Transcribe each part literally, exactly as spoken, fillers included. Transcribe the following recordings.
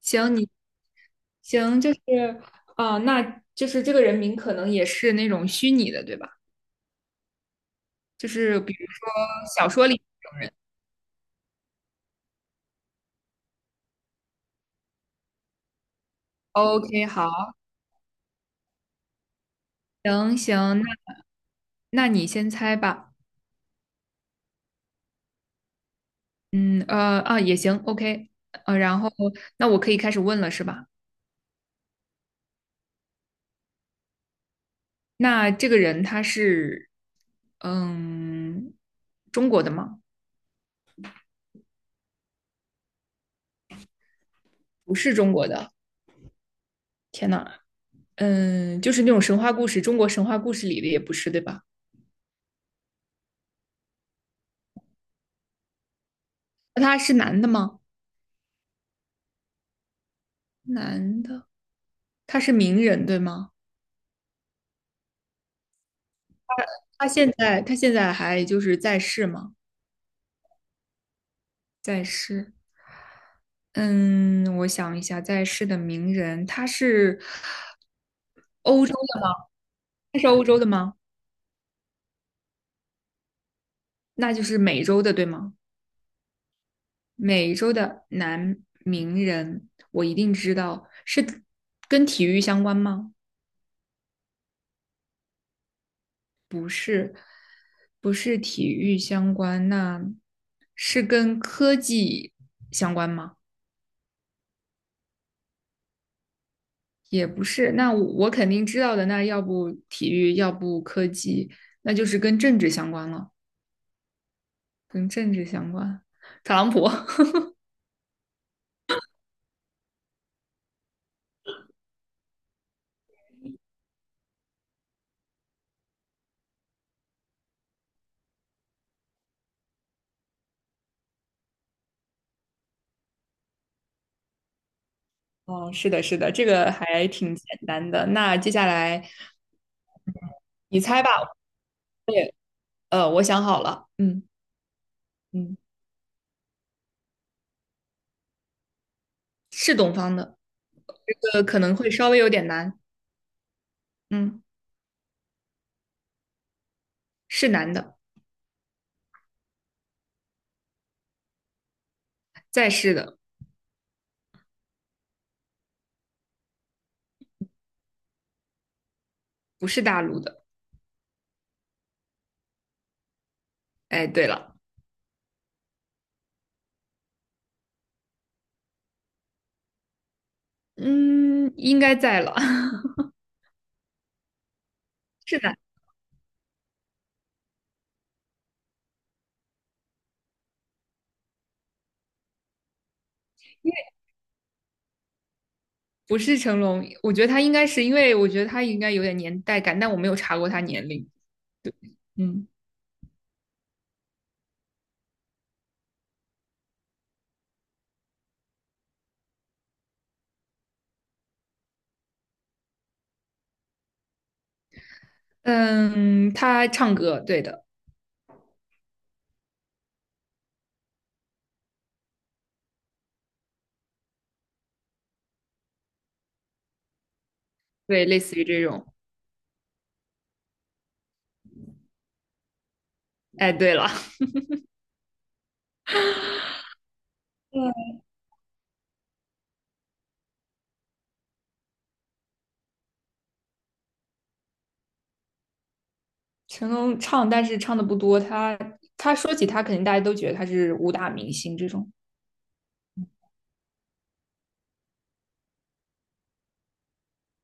行，你行，就是啊、呃那就是这个人名可能也是那种虚拟的，对吧？就是比如说小说里那种人。OK，好，行行，那那你先猜吧。嗯，呃啊，也行，OK，呃，然后那我可以开始问了，是吧？那这个人他是嗯中国的吗？不是中国的，天呐。嗯，就是那种神话故事，中国神话故事里的也不是，对吧？那他是男的吗？男的。他是名人，对吗？他现在他现在还就是在世吗？在世。嗯，我想一下，在世的名人，他是他是欧洲的吗？那就是美洲的，对吗？美洲的男名人，我一定知道，是跟体育相关吗？不是体育相关，那是跟科技相关吗？也不是，那我我肯定知道的，那要不体育，要不科技，那就是跟政治相关了，跟政治相关。特朗普。哦，是的，是的，这个还挺简单的。那接下来你猜吧，我也，呃，我想好了。嗯嗯，是东方的，这个可能会稍微有点难。嗯，是男的，在世的，不是大陆的。哎，对了，嗯，应该在了。是男。不是成龙，我觉得他应该是，因为我觉得他应该有点年代感，但我没有查过他年龄。嗯，嗯，他唱歌，对的。对，类似于这种。哎，对了。嗯，成龙唱，但是唱的不多。他他说起他，肯定大家都觉得他是武打明星这种。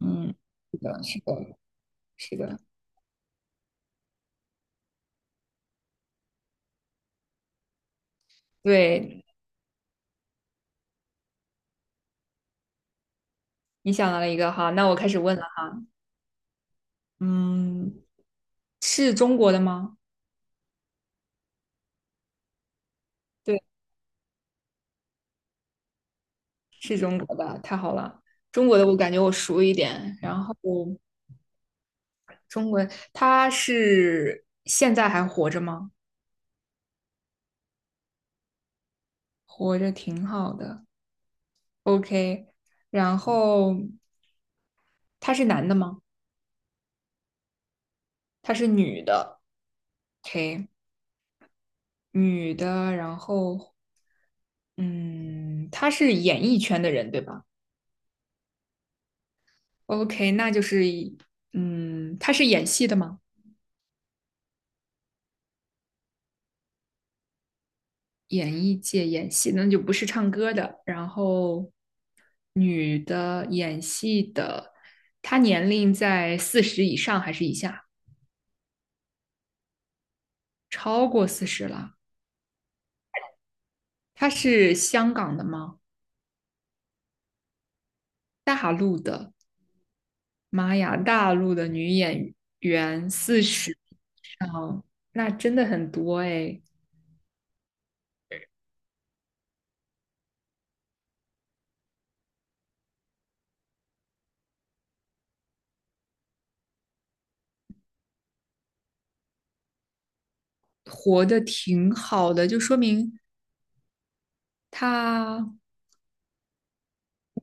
嗯，是的，是的，是的。对，你想到了一个哈，那我开始问了。嗯，是中国的吗？对，是中国的，太好了。中国的我感觉我熟一点，然后中文，他是现在还活着吗？活着挺好的，OK。然后他是男的吗？他是女的，OK，女的。然后，嗯，他是演艺圈的人，对吧？OK，那就是嗯，他是演戏的吗？演艺界演戏，那就不是唱歌的。然后，女的演戏的，她年龄在四十以上还是以下？超过四十了。她是香港的吗？大陆的，妈呀，大陆的女演员四十以上，那真的很多哎。活得挺好的，就说明她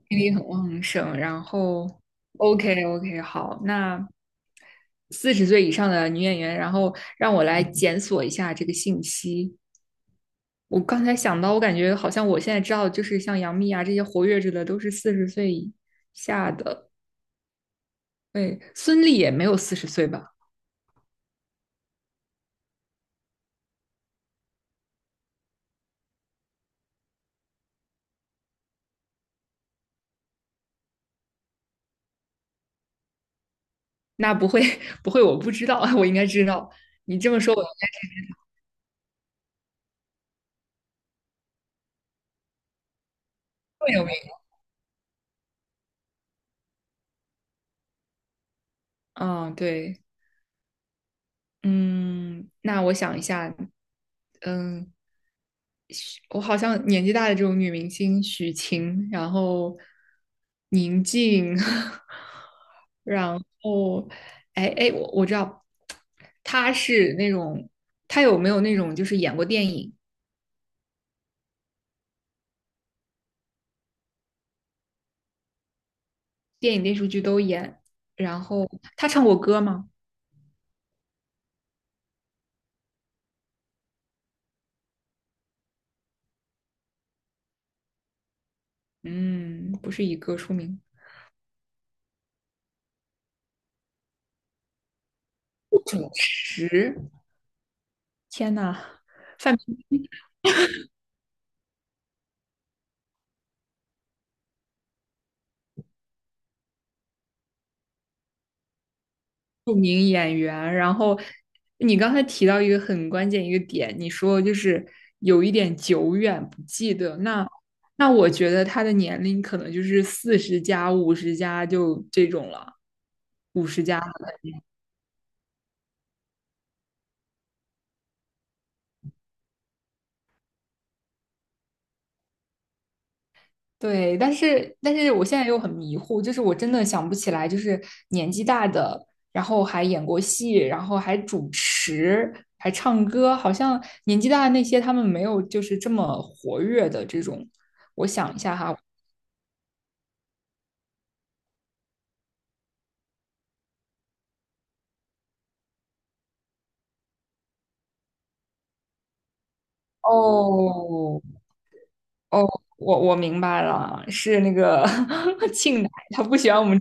精力很旺盛。然后，OK OK，好，那四十岁以上的女演员，然后让我来检索一下这个信息。我刚才想到，我感觉好像我现在知道，就是像杨幂啊这些活跃着的，都是四十岁以下的。对，孙俪也没有四十岁吧？那不会 不会，我不知道，我应该知道。你这么说，我应该会有名。嗯，对。嗯，那我想一下。嗯，我好像年纪大的这种女明星，许晴，然后宁静，然后，哎哎，我我知道，她是那种，她有没有那种就是演过电影、电影、电视剧都演，然后她唱过歌吗？嗯，不是以歌出名。主持，天呐，范冰冰著名演员。然后你刚才提到一个很关键一个点，你说就是有一点久远不记得。那那我觉得他的年龄可能就是四十加、五十加就这种了，五十加。对，但是但是我现在又很迷糊，就是我真的想不起来，就是年纪大的，然后还演过戏，然后还主持，还唱歌，好像年纪大的那些他们没有就是这么活跃的这种。我想一下哈。哦哦，我我明白了，是那个 庆奶，他不喜欢我们。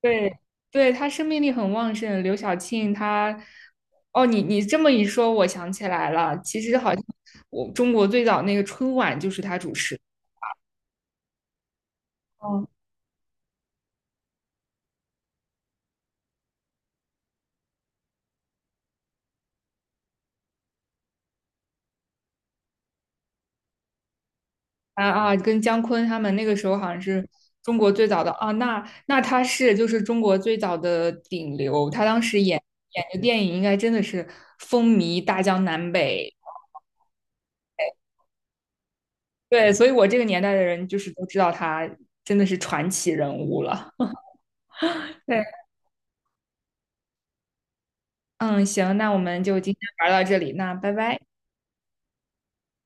对，对，他生命力很旺盛。刘晓庆他哦，你你这么一说，我想起来了，其实好像我中国最早那个春晚就是他主持的。哦，啊啊，跟姜昆他们那个时候好像是中国最早的啊，那那他是就是中国最早的顶流，他当时演演的电影应该真的是风靡大江南北。对，所以我这个年代的人就是都知道他真的是传奇人物了。对。嗯，行，那我们就今天玩到这里，那拜拜。